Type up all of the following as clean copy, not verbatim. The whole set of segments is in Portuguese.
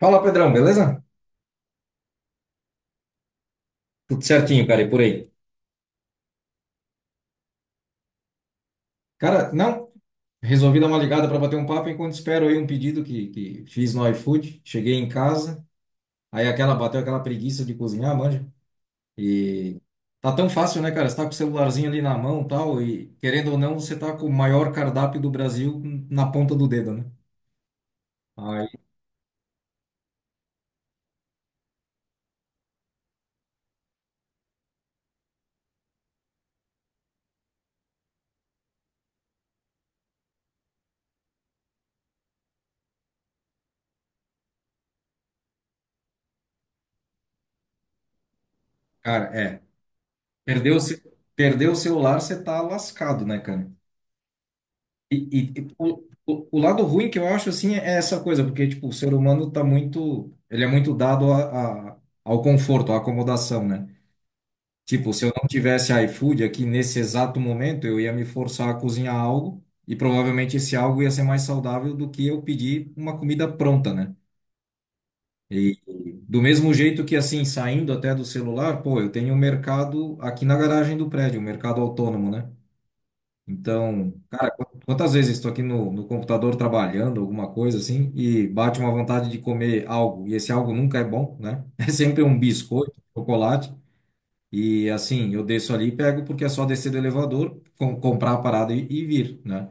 Fala, Pedrão, beleza? Tudo certinho, cara, e por aí? Cara, não, resolvi dar uma ligada para bater um papo enquanto espero aí um pedido que fiz no iFood. Cheguei em casa, aí aquela bateu aquela preguiça de cozinhar, manja. E tá tão fácil, né, cara? Você tá com o celularzinho ali na mão, tal, e querendo ou não, você tá com o maior cardápio do Brasil na ponta do dedo, né? Aí, cara, é, perdeu o, ce- perdeu o celular, você tá lascado, né, cara? E, e o lado ruim que eu acho, assim, é essa coisa, porque, tipo, o ser humano tá muito, ele é muito dado ao conforto, à acomodação, né? Tipo, se eu não tivesse iFood aqui nesse exato momento, eu ia me forçar a cozinhar algo e provavelmente esse algo ia ser mais saudável do que eu pedir uma comida pronta, né? E do mesmo jeito que, assim, saindo até do celular, pô, eu tenho um mercado aqui na garagem do prédio, um mercado autônomo, né? Então, cara, quantas vezes eu estou aqui no computador trabalhando, alguma coisa assim, e bate uma vontade de comer algo, e esse algo nunca é bom, né? É sempre um biscoito, chocolate, e assim, eu desço ali e pego, porque é só descer do elevador, comprar a parada e vir, né?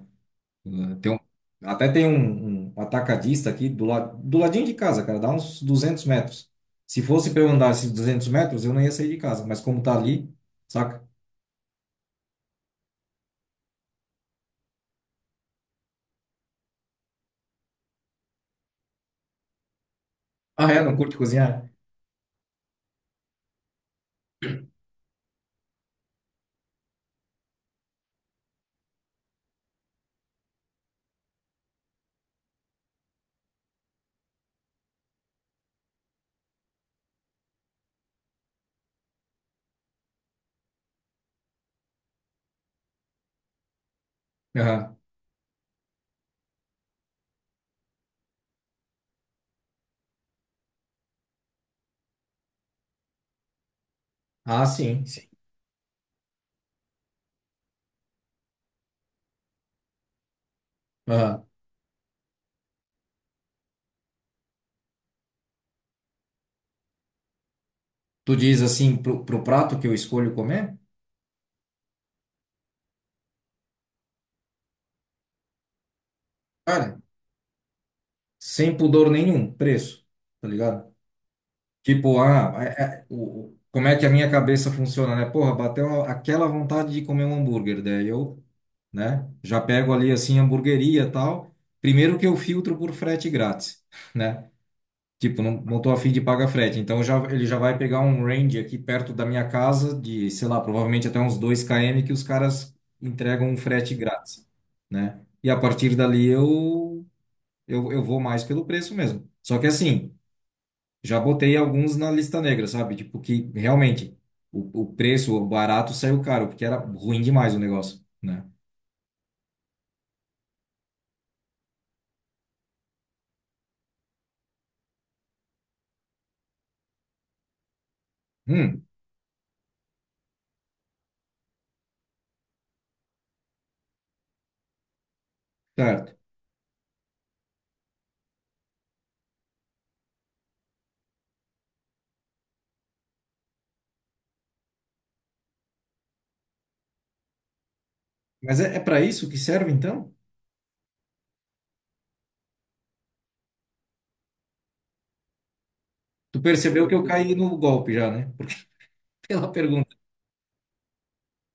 Eh, Tem um- Até tem um atacadista aqui do, la, do ladinho de casa, cara, dá uns 200 metros. Se fosse para eu andar esses 200 metros, eu não ia sair de casa, mas como tá ali, saca? Ah, é? Não curte cozinhar? Aham. Ah, sim, sim. Tu diz assim pro prato que eu escolho comer? Cara, sem pudor nenhum, preço, tá ligado? Tipo, como é que a minha cabeça funciona, né? Porra, aquela vontade de comer um hambúrguer, daí eu, né, já pego ali assim, hamburgueria e tal. Primeiro que eu filtro por frete grátis, né? Tipo, não, não tô a fim de pagar frete. Então já, ele já vai pegar um range aqui perto da minha casa, de, sei lá, provavelmente até uns 2 km, que os caras entregam um frete grátis, né? E a partir dali eu vou mais pelo preço mesmo. Só que assim, já botei alguns na lista negra, sabe? Tipo, que realmente o preço, o barato saiu caro, porque era ruim demais o negócio, né? Hum, certo. Mas é, é para isso que serve então? Tu percebeu que eu caí no golpe já, né? Pela pergunta.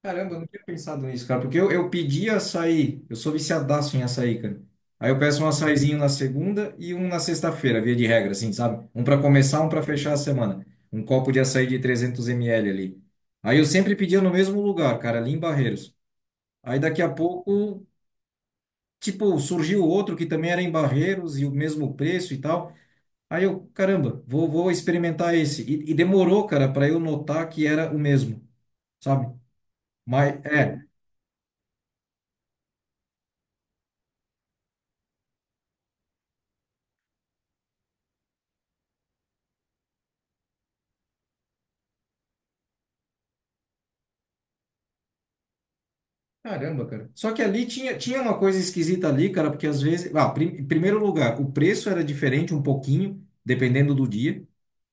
Caramba, eu não tinha pensado nisso, cara, porque eu pedi açaí, eu sou viciadaço em açaí, cara. Aí eu peço um açaizinho na segunda e um na sexta-feira, via de regra, assim, sabe? Um para começar, um para fechar a semana. Um copo de açaí de 300 ml ali. Aí eu sempre pedia no mesmo lugar, cara, ali em Barreiros. Aí daqui a pouco, tipo, surgiu outro que também era em Barreiros e o mesmo preço e tal. Aí eu, caramba, vou experimentar esse. E demorou, cara, para eu notar que era o mesmo, sabe? Mas é, caramba, cara. Só que ali tinha uma coisa esquisita ali, cara, porque às vezes. Em primeiro lugar, o preço era diferente um pouquinho, dependendo do dia,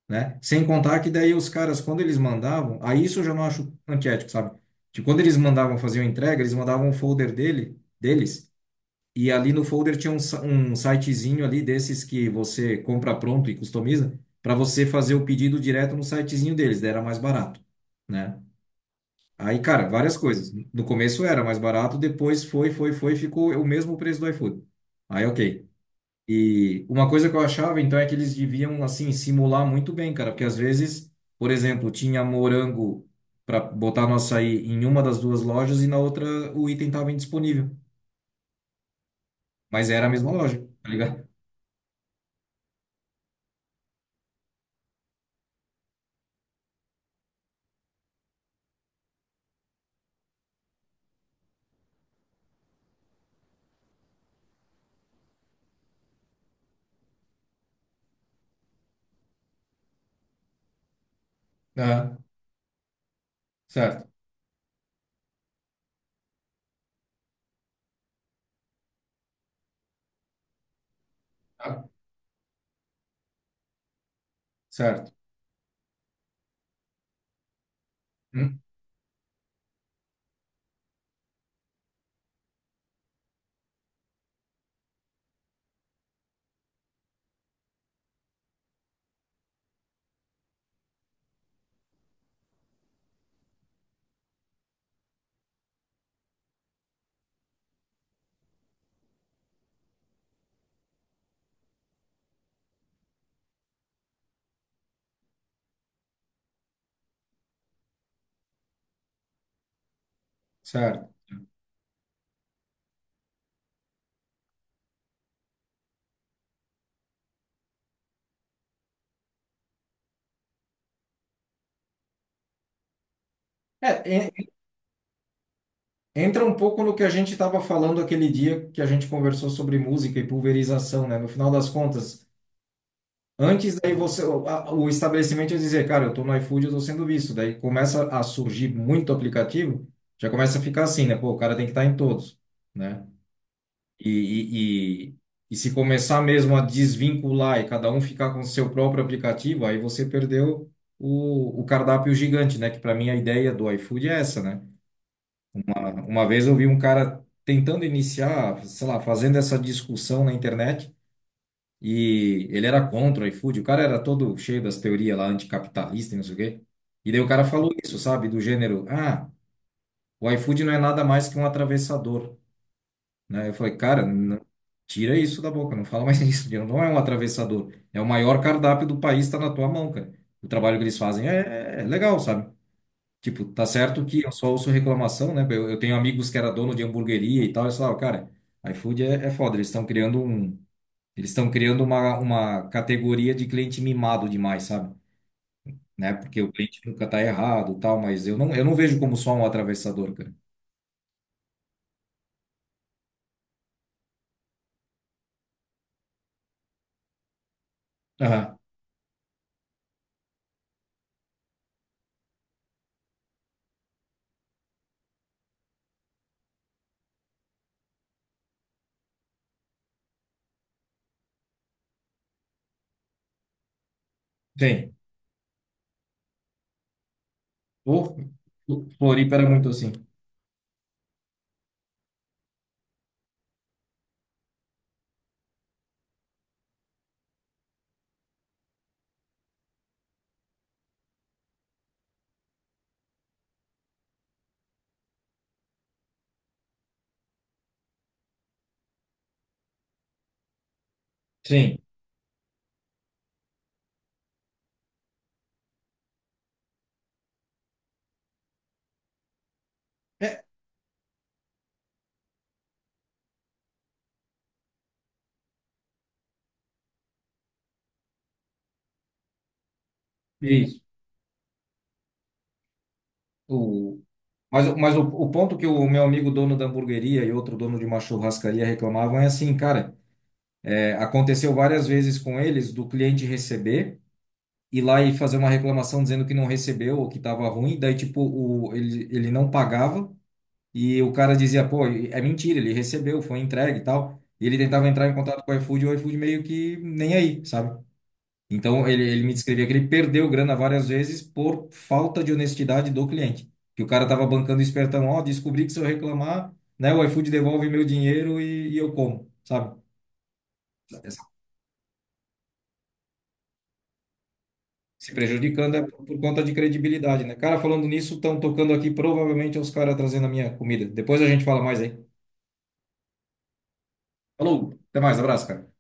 né? Sem contar que daí os caras, quando eles mandavam, aí isso eu já não acho antiético, sabe? Tipo, quando eles mandavam fazer uma entrega, eles mandavam um folder dele, deles, e ali no folder tinha um, um sitezinho ali desses que você compra pronto e customiza, para você fazer o pedido direto no sitezinho deles, daí era mais barato, né? Aí, cara, várias coisas. No começo era mais barato, depois ficou o mesmo preço do iFood. Aí, ok. E uma coisa que eu achava, então, é que eles deviam, assim, simular muito bem, cara, porque às vezes, por exemplo, tinha morango para botar no açaí em uma das duas lojas e na outra o item estava indisponível. Mas era a mesma loja, tá ligado? Ah, certo. Ah, certo. Hum, certo. É, entra um pouco no que a gente estava falando aquele dia que a gente conversou sobre música e pulverização, né? No final das contas, antes daí você, o estabelecimento ia dizer, cara, eu estou no iFood, eu estou sendo visto. Daí começa a surgir muito aplicativo, já começa a ficar assim, né? Pô, o cara tem que estar em todos, né? E, e, e, e se começar mesmo a desvincular e cada um ficar com o seu próprio aplicativo, aí você perdeu o cardápio gigante, né? Que para mim a ideia do iFood é essa, né? Mano, uma vez eu vi um cara tentando iniciar, sei lá, fazendo essa discussão na internet e ele era contra o iFood. O cara era todo cheio das teorias lá anticapitalista e não sei o quê. E daí o cara falou isso, sabe? Do gênero, ah, o iFood não é nada mais que um atravessador, né? Eu falei, cara, tira isso da boca, não fala mais isso. Não é um atravessador, é o maior cardápio do país, está na tua mão, cara. O trabalho que eles fazem é legal, sabe? Tipo, tá certo que eu só ouço reclamação, né? Eu tenho amigos que era dono de hamburgueria e tal, eles falavam, cara, iFood é, é foda, eles estão criando um, eles estão criando uma categoria de cliente mimado demais, sabe? Né? Porque o cliente nunca tá errado, e tal, mas eu não vejo como só um atravessador, cara. Aham, sim. O, o Floripa era muito assim. Sim. É, isso. O, mas o ponto que o meu amigo dono da hamburgueria e outro dono de uma churrascaria reclamavam é assim, cara, é, aconteceu várias vezes com eles do cliente receber ir lá e fazer uma reclamação dizendo que não recebeu ou que estava ruim, daí tipo o, ele não pagava e o cara dizia, pô, é mentira, ele recebeu, foi entregue e tal. E ele tentava entrar em contato com o iFood e o iFood meio que nem aí, sabe? Então ele me descrevia que ele perdeu grana várias vezes por falta de honestidade do cliente. Que o cara tava bancando espertão, ó, descobri que se eu reclamar, né, o iFood devolve meu dinheiro e eu como, sabe? Se prejudicando é por conta de credibilidade, né? Cara, falando nisso, estão tocando aqui, provavelmente é os caras trazendo a minha comida. Depois a gente fala mais aí. Falou, até mais, abraço, cara.